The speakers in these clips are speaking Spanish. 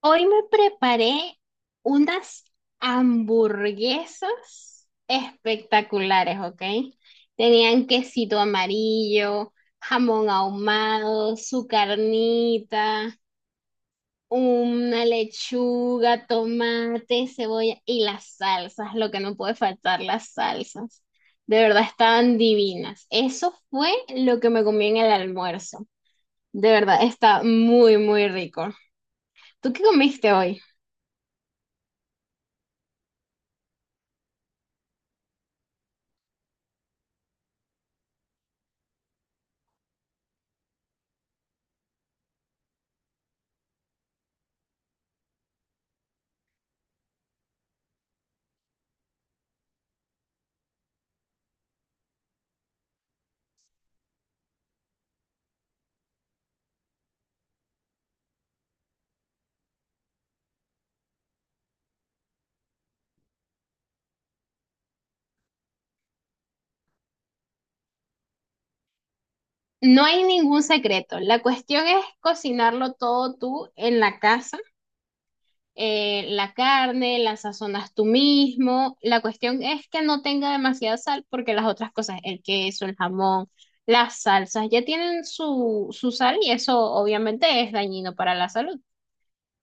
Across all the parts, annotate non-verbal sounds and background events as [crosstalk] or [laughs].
Hoy me preparé unas hamburguesas espectaculares, ¿ok? Tenían quesito amarillo, jamón ahumado, su carnita, una lechuga, tomate, cebolla y las salsas, lo que no puede faltar, las salsas. De verdad estaban divinas. Eso fue lo que me comí en el almuerzo. De verdad, está muy, muy rico. ¿Tú qué comiste hoy? No hay ningún secreto. La cuestión es cocinarlo todo tú en la casa. La carne, la sazonas tú mismo. La cuestión es que no tenga demasiada sal porque las otras cosas, el queso, el jamón, las salsas, ya tienen su sal y eso obviamente es dañino para la salud.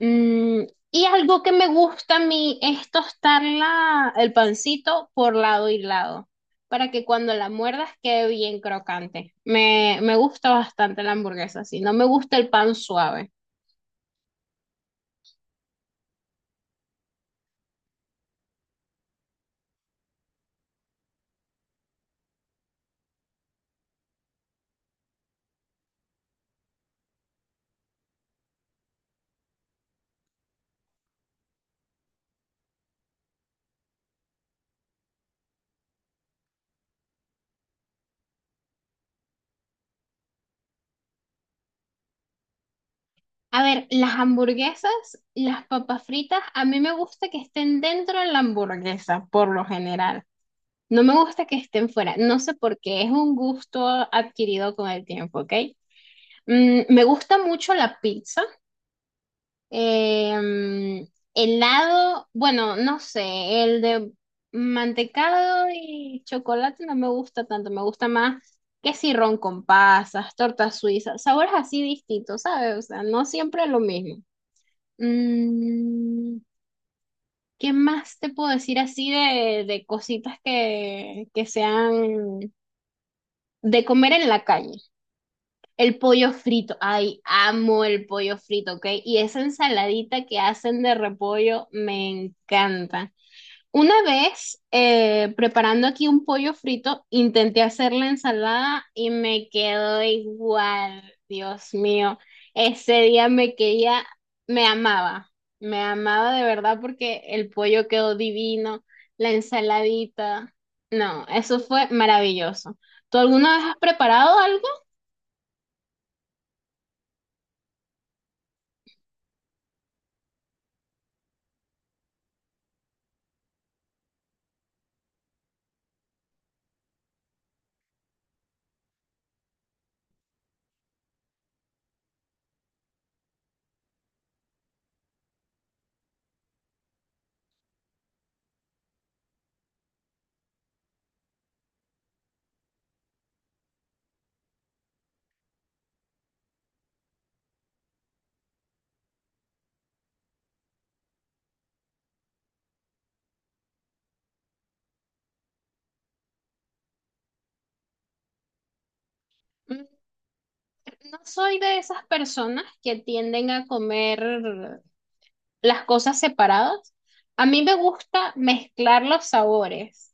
Mm, y algo que me gusta a mí es tostar el pancito por lado y lado, para que cuando la muerdas quede bien crocante. Me gusta bastante la hamburguesa, sí, no me gusta el pan suave. A ver, las hamburguesas, las papas fritas, a mí me gusta que estén dentro de la hamburguesa, por lo general. No me gusta que estén fuera, no sé por qué, es un gusto adquirido con el tiempo, ¿ok? Mm, me gusta mucho la pizza. Em, Helado, bueno, no sé, el de mantecado y chocolate no me gusta tanto, me gusta más que si con pasas, torta suiza sabores así distintos, ¿sabes? O sea, no siempre lo mismo. Mm, ¿Qué más te puedo decir así de cositas que sean de comer en la calle? El pollo frito, ay, amo el pollo frito, ¿ok? Y esa ensaladita que hacen de repollo me encanta. Una vez preparando aquí un pollo frito, intenté hacer la ensalada y me quedó igual. Dios mío. Ese día me quería, me amaba, me amaba de verdad porque el pollo quedó divino, la ensaladita. No, eso fue maravilloso. ¿Tú alguna vez has preparado algo? No soy de esas personas que tienden a comer las cosas separadas. A mí me gusta mezclar los sabores.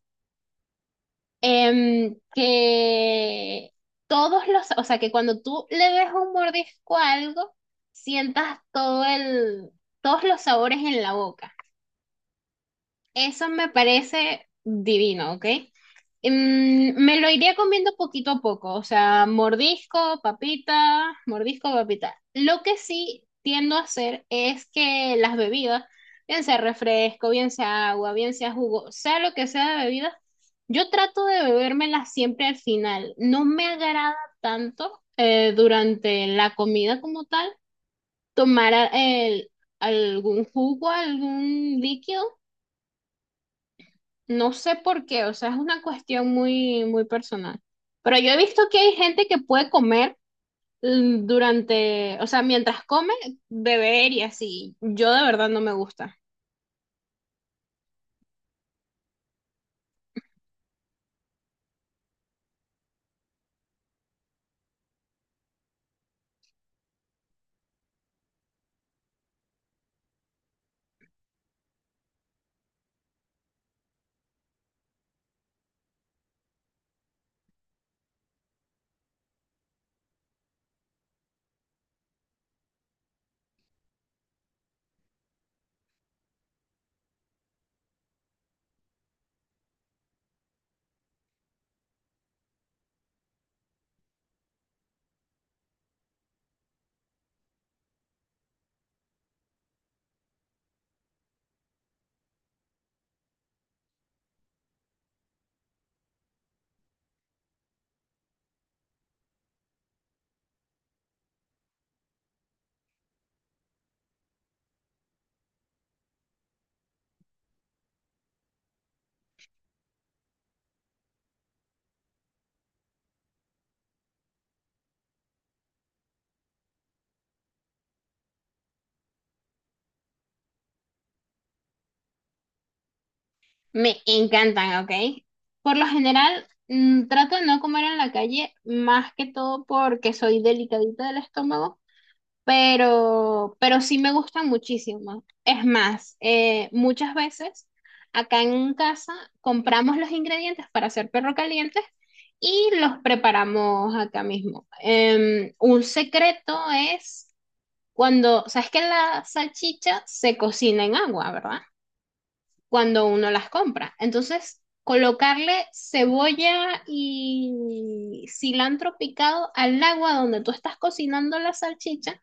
Que o sea, que cuando tú le des un mordisco a algo, sientas todos los sabores en la boca. Eso me parece divino, ¿ok? Mm, me lo iría comiendo poquito a poco, o sea, mordisco, papita, mordisco, papita. Lo que sí tiendo a hacer es que las bebidas, bien sea refresco, bien sea agua, bien sea jugo, sea lo que sea de bebida, yo trato de bebérmelas siempre al final. No me agrada tanto durante la comida como tal tomar algún jugo, algún líquido, no sé por qué, o sea, es una cuestión muy, muy personal. Pero yo he visto que hay gente que puede comer durante, o sea, mientras come, beber y así. Yo de verdad no me gusta. Me encantan, ¿ok? Por lo general, mm, trato de no comer en la calle, más que todo porque soy delicadita del estómago, pero sí me gustan muchísimo. Es más, muchas veces acá en casa compramos los ingredientes para hacer perro caliente y los preparamos acá mismo. Un secreto es cuando, sabes que la salchicha se cocina en agua, ¿verdad? Cuando uno las compra. Entonces, colocarle cebolla y cilantro picado al agua donde tú estás cocinando la salchicha,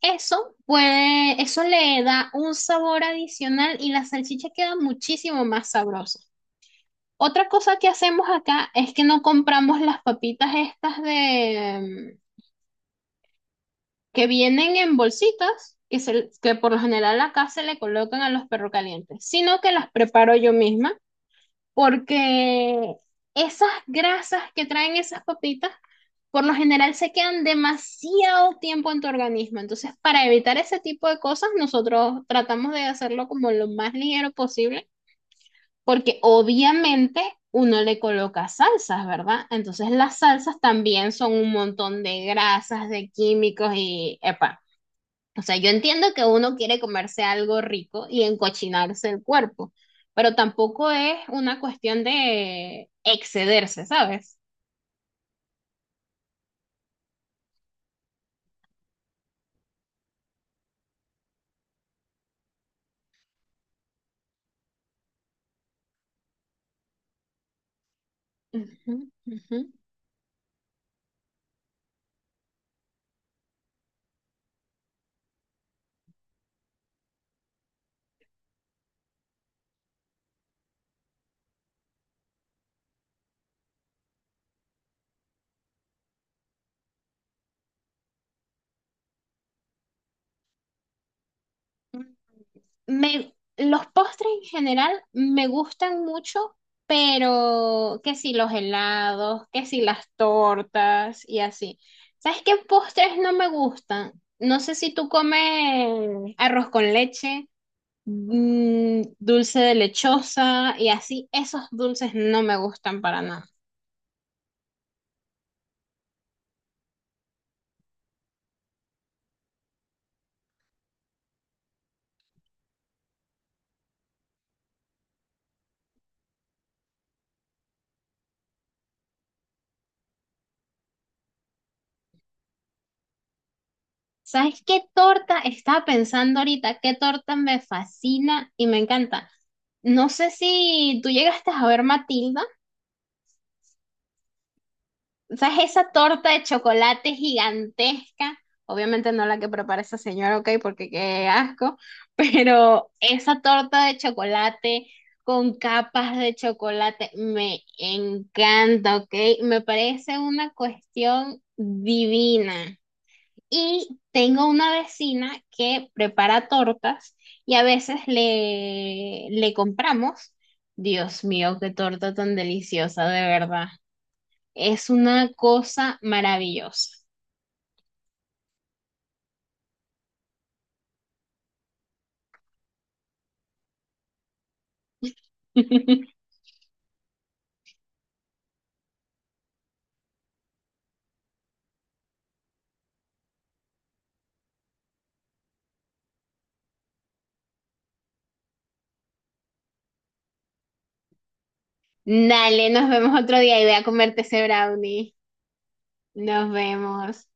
eso puede, eso le da un sabor adicional y la salchicha queda muchísimo más sabrosa. Otra cosa que hacemos acá es que no compramos las papitas estas de que vienen en bolsitas, que por lo general acá se le colocan a los perros calientes, sino que las preparo yo misma. Porque esas grasas que traen esas papitas, por lo general se quedan demasiado tiempo en tu organismo. Entonces, para evitar ese tipo de cosas, nosotros tratamos de hacerlo como lo más ligero posible, porque obviamente uno le coloca salsas, ¿verdad? Entonces, las salsas también son un montón de grasas, de químicos y, epa. O sea, yo entiendo que uno quiere comerse algo rico y encochinarse el cuerpo, pero tampoco es una cuestión de excederse, ¿sabes? Ujú, ujú. Me, los postres en general me gustan mucho, pero que si los helados, que si las tortas y así. ¿Sabes qué postres no me gustan? No sé si tú comes arroz con leche, dulce de lechosa y así, esos dulces no me gustan para nada. ¿Sabes qué torta? Estaba pensando ahorita, qué torta me fascina y me encanta. No sé si tú llegaste a ver Matilda. ¿Sabes? Esa torta de chocolate gigantesca, obviamente no la que prepara esa señora, ok, porque qué asco, [laughs] pero esa torta de chocolate con capas de chocolate me encanta, ok, me parece una cuestión divina. Y tengo una vecina que prepara tortas y a veces le compramos. Dios mío, qué torta tan deliciosa, de verdad. Es una cosa maravillosa. [laughs] Dale, nos vemos otro día y voy a comerte ese brownie. Nos vemos.